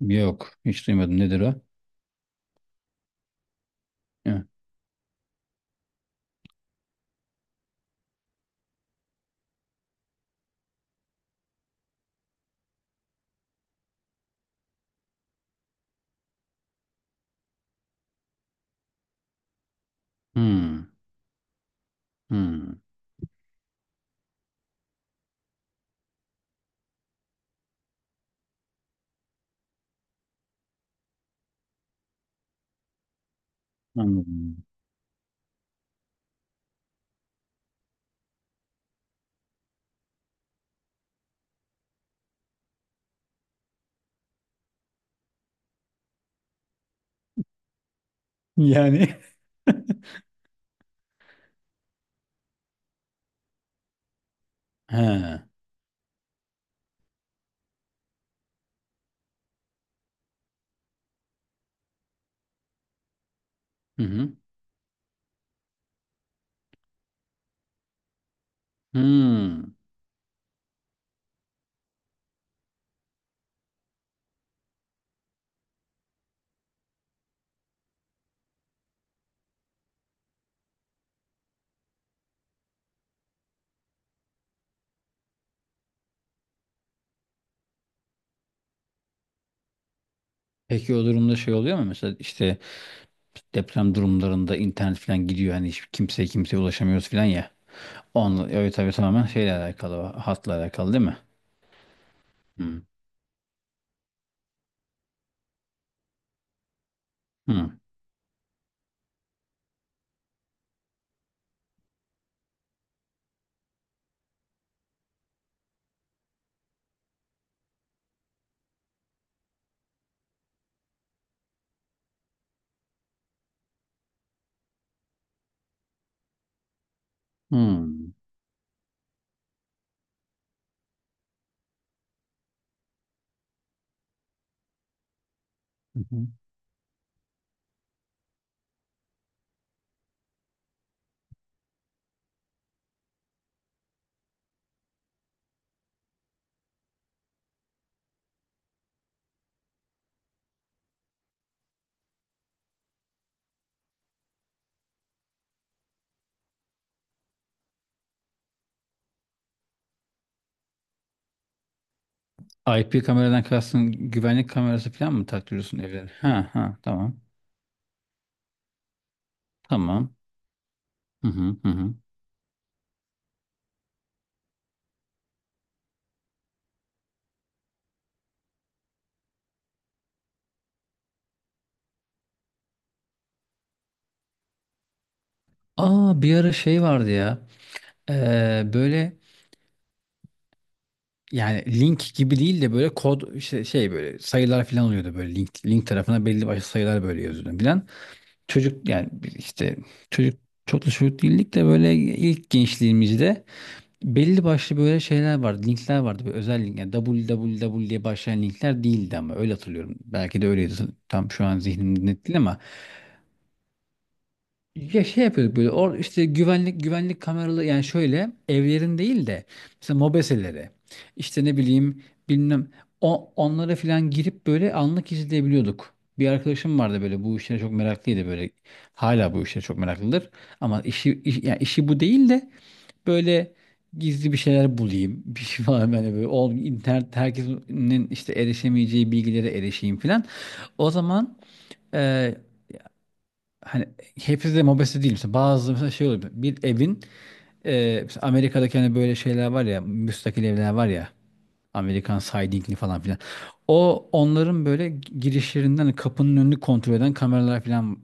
Yok. Hiç duymadım. Nedir o? Hı. Hmm. Hmm. Anladım. Yani. He. Hı hı. Hmm. Peki o durumda şey oluyor mu? Mesela işte deprem durumlarında internet falan gidiyor. Hani hiç kimseye ulaşamıyoruz falan ya. Onunla, evet tabii tamamen şeyle alakalı. Hatla alakalı değil mi? Hı. Hı. Hı. Hı hı. IP kameradan kastın güvenlik kamerası falan mı taktırıyorsun evlere? Ha ha tamam. Tamam. Hı hı hı hı. Aa bir ara şey vardı ya. Böyle yani link gibi değil de böyle kod işte şey böyle sayılar falan oluyordu böyle link tarafına belli başlı sayılar böyle yazıyordu falan. Çocuk yani biz işte çocuk çok da çocuk değildik de böyle ilk gençliğimizde belli başlı böyle şeyler vardı linkler vardı böyle özel link yani www diye başlayan linkler değildi ama öyle hatırlıyorum. Belki de öyleydi tam şu an zihnimde net değil ama ya şey yapıyoruz böyle or işte güvenlik kameralı yani şöyle evlerin değil de mesela mobeselere işte ne bileyim bilmem onlara falan girip böyle anlık izleyebiliyorduk. Bir arkadaşım vardı böyle bu işlere çok meraklıydı böyle hala bu işlere çok meraklıdır ama işi iş, yani işi bu değil de böyle gizli bir şeyler bulayım bir şey falan böyle, böyle ol, internet herkesin işte erişemeyeceği bilgilere erişeyim falan. O zaman hani hepsi de mobese değil. Mesela bazı mesela şey oluyor. Bir evin mesela Amerika'daki hani böyle şeyler var ya müstakil evler var ya Amerikan sidingli falan filan. O onların böyle girişlerinden hani kapının önünü kontrol eden kameralar filan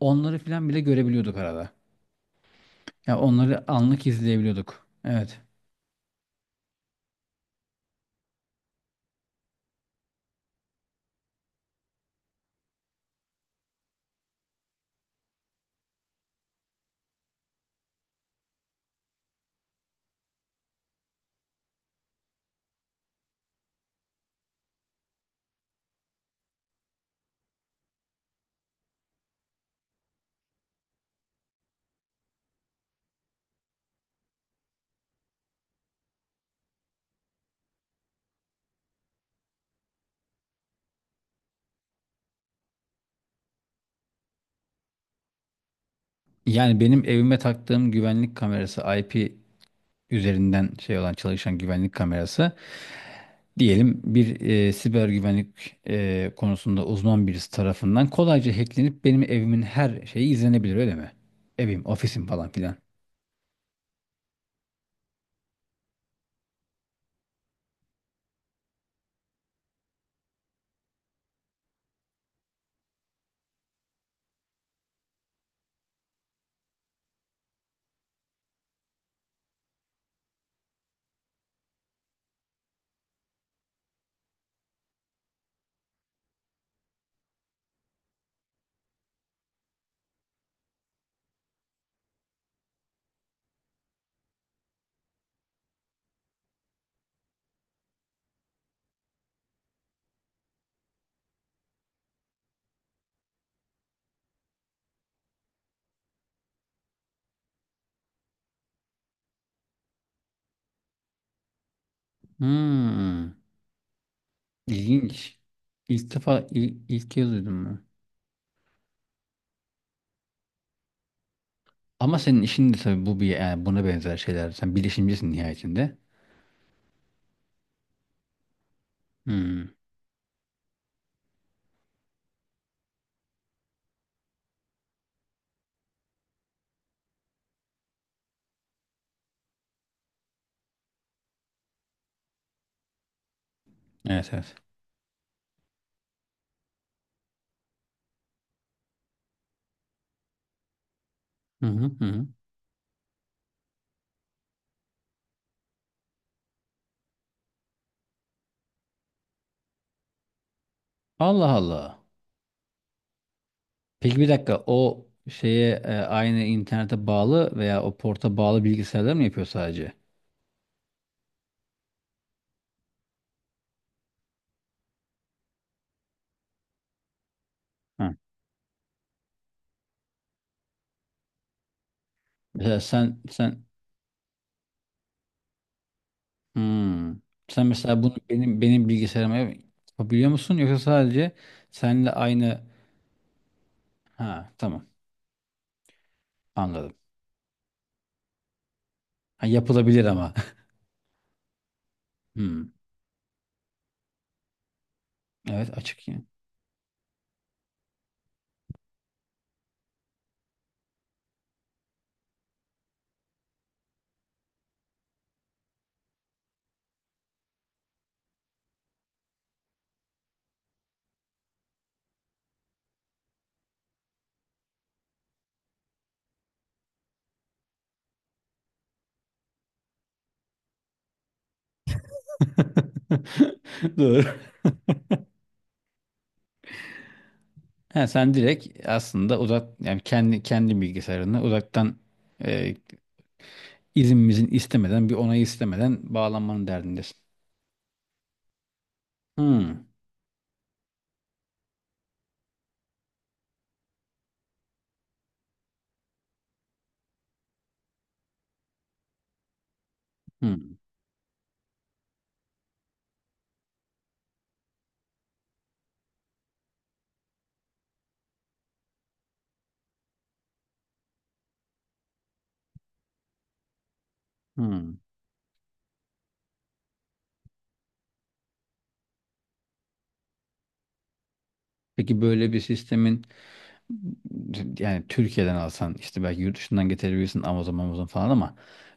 onları filan bile görebiliyorduk arada. Ya onları anlık izleyebiliyorduk. Evet. Yani benim evime taktığım güvenlik kamerası IP üzerinden şey olan çalışan güvenlik kamerası diyelim bir siber güvenlik konusunda uzman birisi tarafından kolayca hacklenip benim evimin her şeyi izlenebilir öyle mi? Evim, ofisim falan filan. Hmm, ilginç. İlk defa ilk kez duydum bunu. Ama senin işin de tabii bu bir yani buna benzer şeyler. Sen bilişimcisin nihayetinde. Hmm, evet evet. Hı hı, hı hı. Allah Allah. Peki bir dakika o şeye aynı internete bağlı veya o porta bağlı bilgisayarlar mı yapıyor sadece? Hı. Mesela sen Hmm. Sen mesela bunu benim bilgisayarıma yapabiliyor musun yoksa sadece seninle aynı ha tamam anladım. Ha, yapılabilir ama. Hmm. Evet açık yine. Doğru. Ha, sen direkt aslında uzak yani kendi bilgisayarını uzaktan e, izinimizin istemeden bir onayı istemeden bağlanmanın derdindesin. Hmm. Hmm. Hmm. Peki böyle bir sistemin yani Türkiye'den alsan işte belki yurt dışından getirebilirsin Amazon falan ama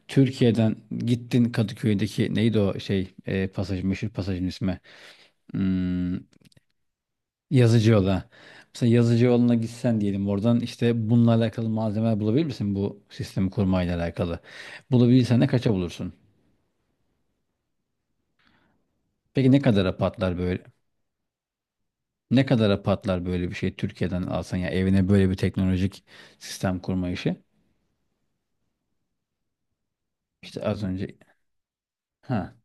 Türkiye'den gittin Kadıköy'deki neydi o şey pasaj meşhur pasajın ismi hmm, Yazıcıoğlu'na mesela Yazıcıoğlu'na gitsen diyelim oradan işte bununla alakalı malzemeler bulabilir misin bu sistemi kurmayla alakalı bulabilirsen ne kaça bulursun peki ne kadara patlar böyle ne kadara patlar böyle bir şey Türkiye'den alsan ya evine böyle bir teknolojik sistem kurma işi işte az önce ha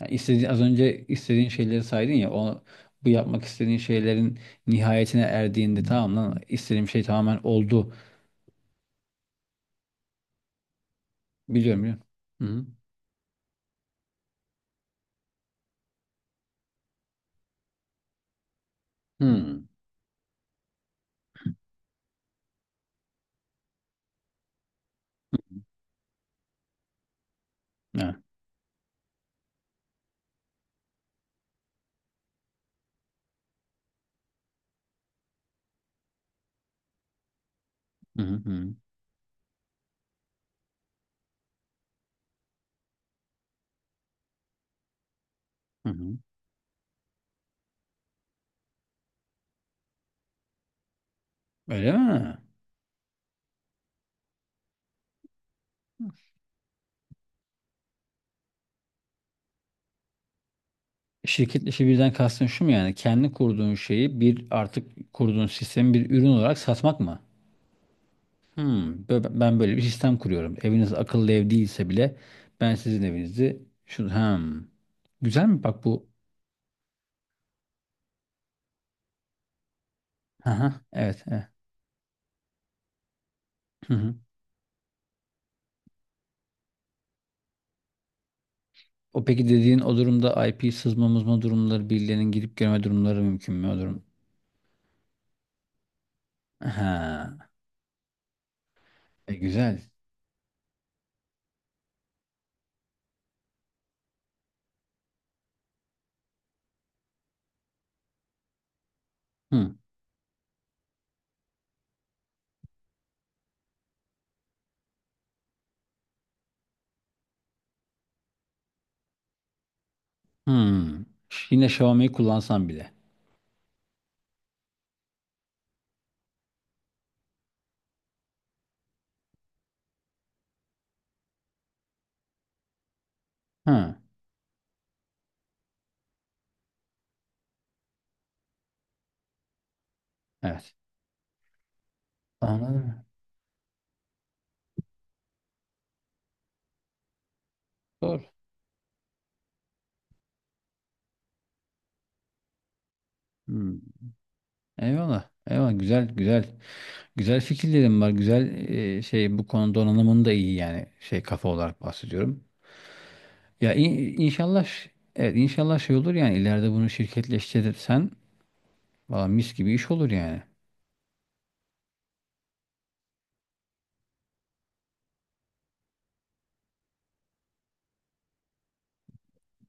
yani istediğin, az önce istediğin şeyleri saydın ya o bu yapmak istediğin şeylerin nihayetine erdiğinde tamam lan istediğim şey tamamen oldu. Biliyorum biliyorum. Hı hı. Hı. Evet. Hı hı hı. Hı hı. Öyle mi? Şirket işi birden kastın şu mu yani? Kendi kurduğun şeyi bir artık kurduğun sistemi bir ürün olarak satmak mı? Hmm, ben böyle bir sistem kuruyorum. Eviniz akıllı ev değilse bile ben sizin evinizi şu hem güzel mi bak bu? Aha, evet, evet. O peki dediğin o durumda IP sızma mızma durumları birilerinin girip girme durumları mümkün mü o durum? Ha, e, güzel. Hı, hı. Yine Xiaomi'yi kullansan bile. Hı, evet. Anladım. Doğru. Hı. Eyvallah. Eyvallah. Güzel, güzel. Güzel fikirlerim var. Güzel şey bu konu donanımın da iyi yani şey kafa olarak bahsediyorum. Ya inşallah evet inşallah şey olur yani ileride bunu şirketleştirirsen valla mis gibi iş olur yani.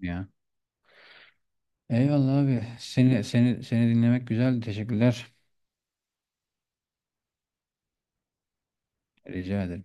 Ya. Eyvallah abi. Seni dinlemek güzeldi. Teşekkürler. Rica ederim.